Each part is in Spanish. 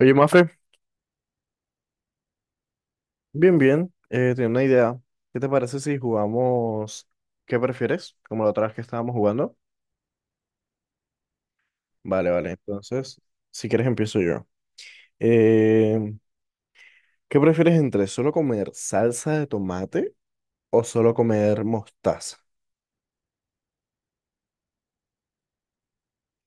Oye, Mafe, bien, bien. Tenía una idea. ¿Qué te parece si jugamos? ¿Qué prefieres? Como la otra vez que estábamos jugando. Vale, vale. Entonces, si quieres empiezo yo. Em, ¿Qué prefieres entre solo comer salsa de tomate o solo comer mostaza?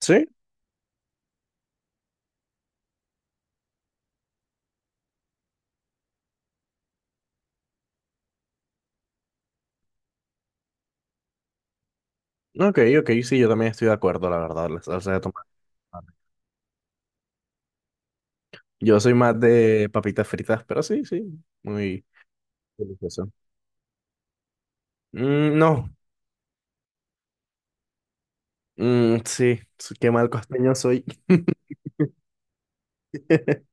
¿Sí? Ok, ok, sí, yo también estoy de acuerdo, la verdad, la salsa de tomate. Vale. Yo soy más de papitas fritas, pero sí, sí, muy delicioso. Mm, no. Mm, sí, qué mal costeño soy.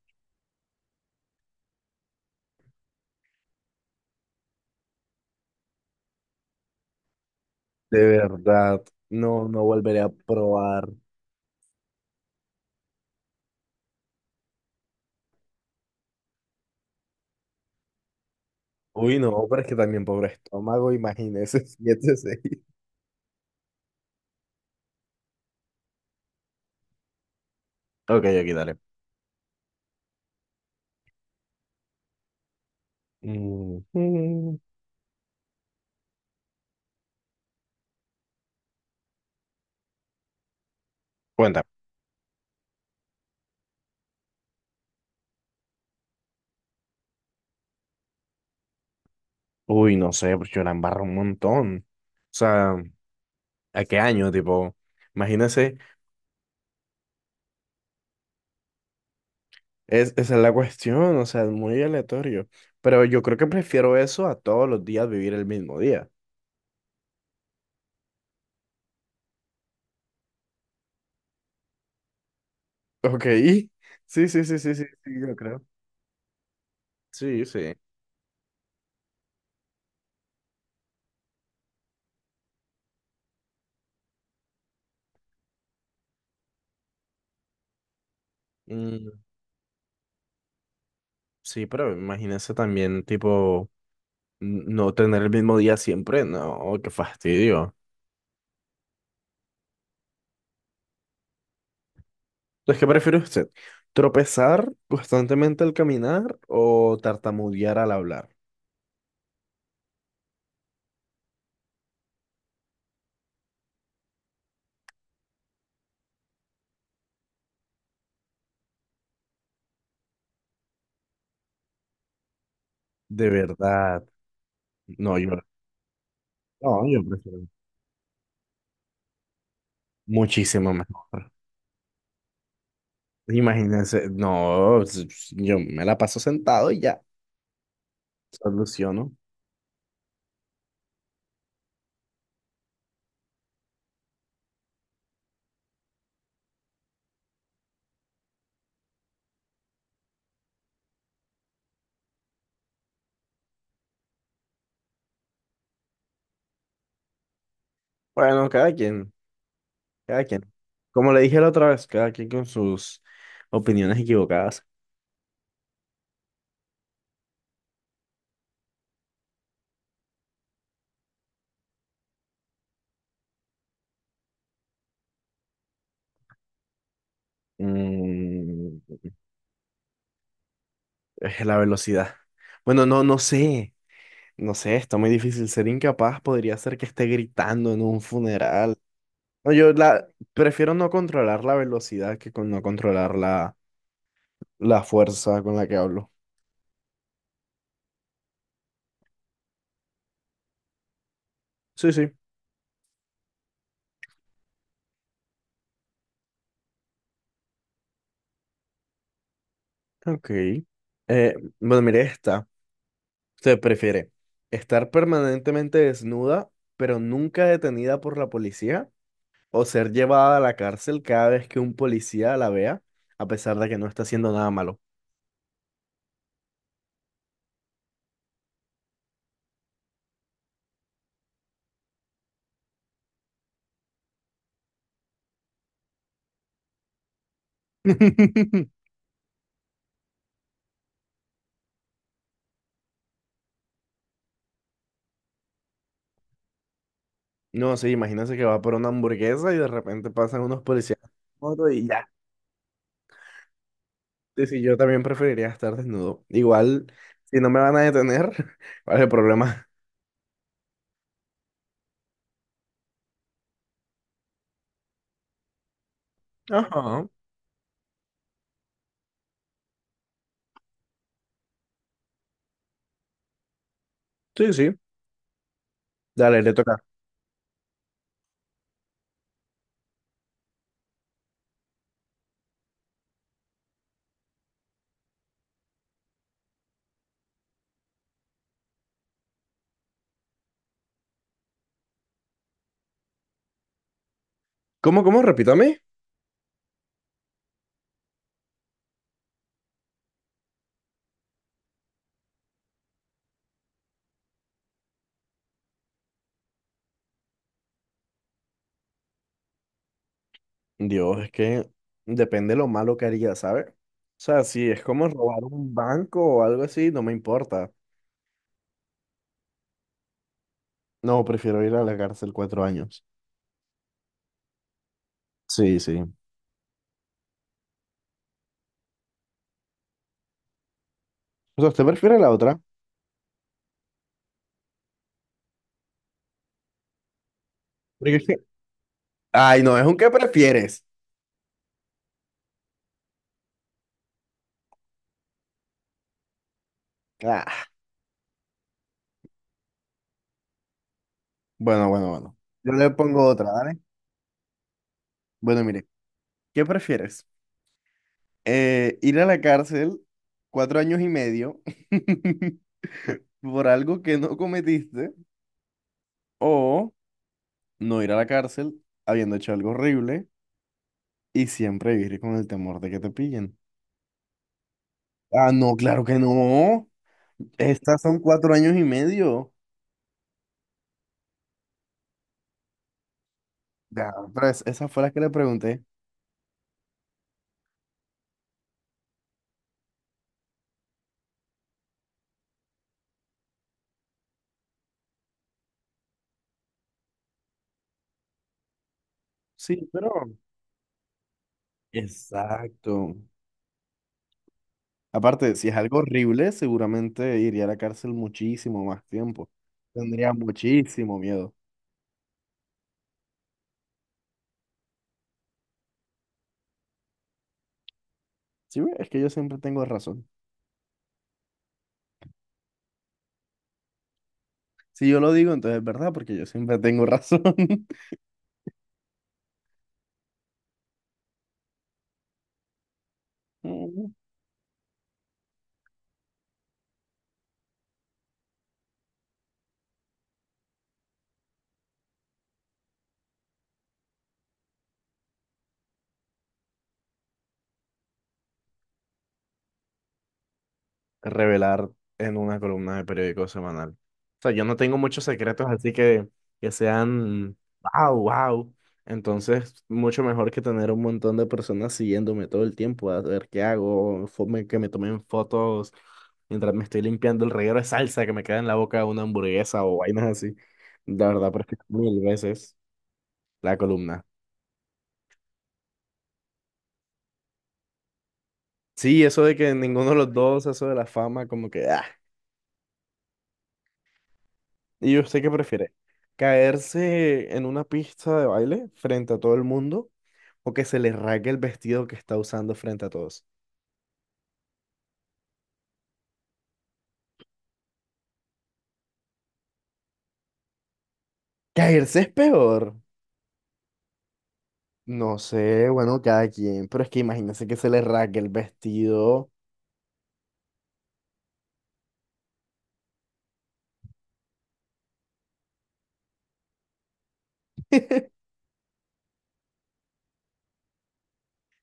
De verdad, no, no volveré a probar. Uy, no, pero es que también pobre estómago, imagínese, siete seis. Ok, aquí dale. Mm, mm. Cuenta. Uy, no sé, pues yo la embarro un montón. O sea, ¿a qué año? Tipo, imagínese, esa es la cuestión, o sea, es muy aleatorio. Pero yo creo que prefiero eso a todos los días vivir el mismo día. Ok, sí, sí, sí, sí, sí sí yo creo. Sí sí. Mm, sí yo creo, pero imagínese también tipo no tener el mismo día siempre, no, qué fastidio. Entonces, ¿qué prefiere usted? ¿Tropezar constantemente al caminar o tartamudear al hablar? De verdad. No, yo, no, yo prefiero muchísimo mejor. Imagínense, no, yo me la paso sentado y ya, soluciono. Bueno, cada quien, cada quien. Como le dije la otra vez, cada quien con sus opiniones equivocadas. Mm, es la velocidad. Bueno, no, no sé. No sé, está muy difícil. Ser incapaz podría ser que esté gritando en un funeral. No, yo la prefiero no controlar la velocidad que con no controlar la fuerza con la que hablo. Sí, sí. Ok. Eh, bueno, mire esta. Usted prefiere estar permanentemente desnuda, pero nunca detenida por la policía, o ser llevada a la cárcel cada vez que un policía la vea, a pesar de que no está haciendo nada malo. No, sí, imagínense que va por una hamburguesa y de repente pasan unos policías en moto y ya. Sí, sí, yo también preferiría estar desnudo. Igual, si no me van a detener, ¿cuál es el problema? Ajá. Sí, sí. Dale, le toca. ¿Cómo, cómo? Repítame. Dios, es que depende lo malo que haría, ¿sabes? O sea, si es como robar un banco o algo así, no me importa. No, prefiero ir a la cárcel 4 años. Sí, sí. O sea, ¿usted prefiere la otra? Porque es que. Ay, no, es un qué prefieres. Ah. Bueno, bueno, bueno. Yo le pongo otra, ¿vale? Bueno, mire, ¿qué prefieres? Ir a la cárcel 4 años y medio por algo que no cometiste o no ir a la cárcel habiendo hecho algo horrible y siempre vivir con el temor de que te pillen. Ah, no, claro que no. Estas son 4 años y medio. Ya, pero esas fue las que le pregunté. Sí, pero. Exacto. Aparte, si es algo horrible, seguramente iría a la cárcel muchísimo más tiempo. Tendría muchísimo miedo. Sí, ve, es que yo siempre tengo razón. Si yo lo digo, entonces es verdad, porque yo siempre tengo razón. Revelar en una columna de periódico semanal. O sea, yo no tengo muchos secretos, así que sean wow, wow. Entonces, mucho mejor que tener un montón de personas siguiéndome todo el tiempo a ver qué hago, que me tomen fotos mientras me estoy limpiando el reguero de salsa que me queda en la boca de una hamburguesa o vainas así. La verdad, prefiero mil veces la columna. Sí, eso de que ninguno de los dos, eso de la fama, como que, ah, ¿y usted qué prefiere? ¿Caerse en una pista de baile frente a todo el mundo o que se le raque el vestido que está usando frente a todos? ¿Caerse es peor? No sé, bueno, cada quien, pero es que imagínense que se le raque el vestido.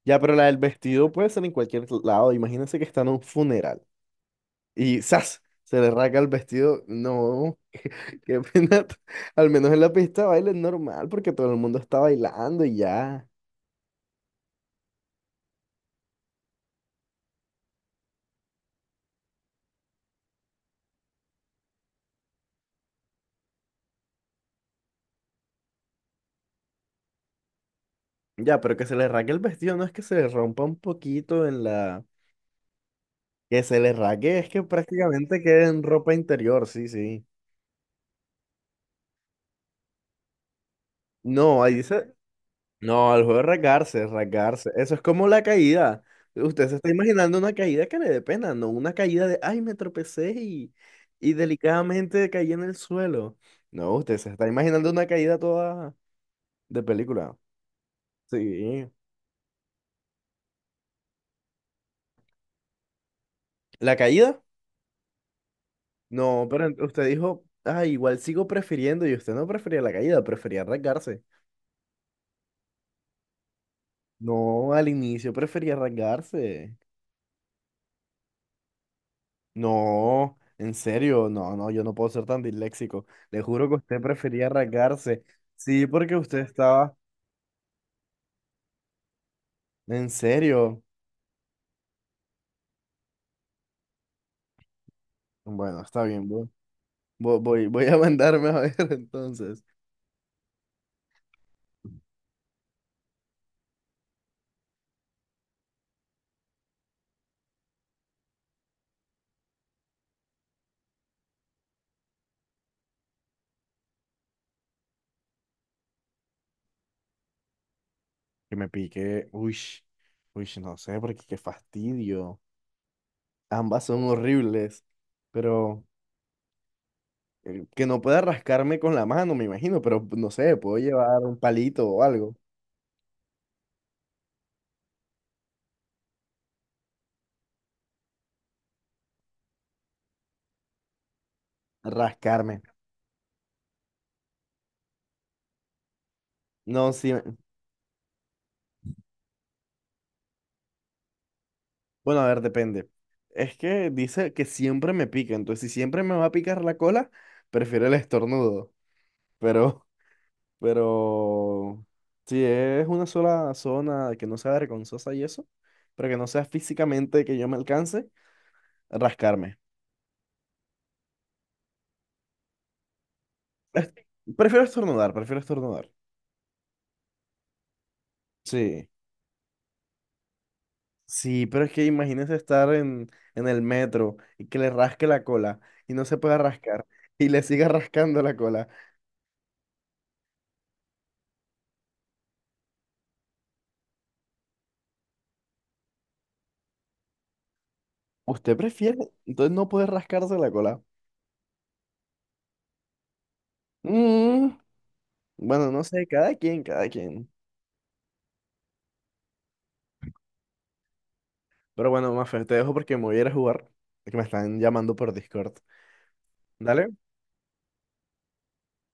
Ya, pero la del vestido puede ser en cualquier lado. Imagínense que está en un funeral y ¡zas! Se le raca el vestido. No. Qué pena. Al menos en la pista de baile es normal porque todo el mundo está bailando y ya. Ya, pero que se le raque el vestido no es que se le rompa un poquito en la. Que se le raque es que prácticamente quede en ropa interior, sí, sí. No, ahí dice. No, el juego de rasgarse, rasgarse. Eso es como la caída. Usted se está imaginando una caída que le dé pena, no una caída de, ay, me tropecé y delicadamente caí en el suelo. No, usted se está imaginando una caída toda de película. Sí. La caída. No, pero usted dijo, ah, igual sigo prefiriendo y usted no prefería la caída, prefería rasgarse. No, al inicio prefería rasgarse. No, en serio, no, no, yo no puedo ser tan disléxico. Le juro que usted prefería rasgarse. Sí, porque usted estaba, en serio. Bueno, está bien, voy a mandarme a ver entonces. Que me pique, uy, uy, no sé, porque qué fastidio. Ambas son horribles, pero que no pueda rascarme con la mano, me imagino, pero no sé, puedo llevar un palito o algo. Rascarme. No, sí. Bueno, a ver, depende. Es que dice que siempre me pica, entonces si siempre me va a picar la cola, prefiero el estornudo. Pero, pero, si es una sola zona que no sea vergonzosa y eso, pero que no sea físicamente que yo me alcance, rascarme. Es- Prefiero estornudar, prefiero estornudar. Sí. Sí, pero es que imagínese estar en el metro y que le rasque la cola y no se pueda rascar y le siga rascando la cola. ¿Usted prefiere? Entonces no puede rascarse la cola. Mm, bueno, no sé, cada quien, cada quien. Pero bueno, Mafe, te dejo porque me voy a ir a jugar, que me están llamando por Discord. Dale.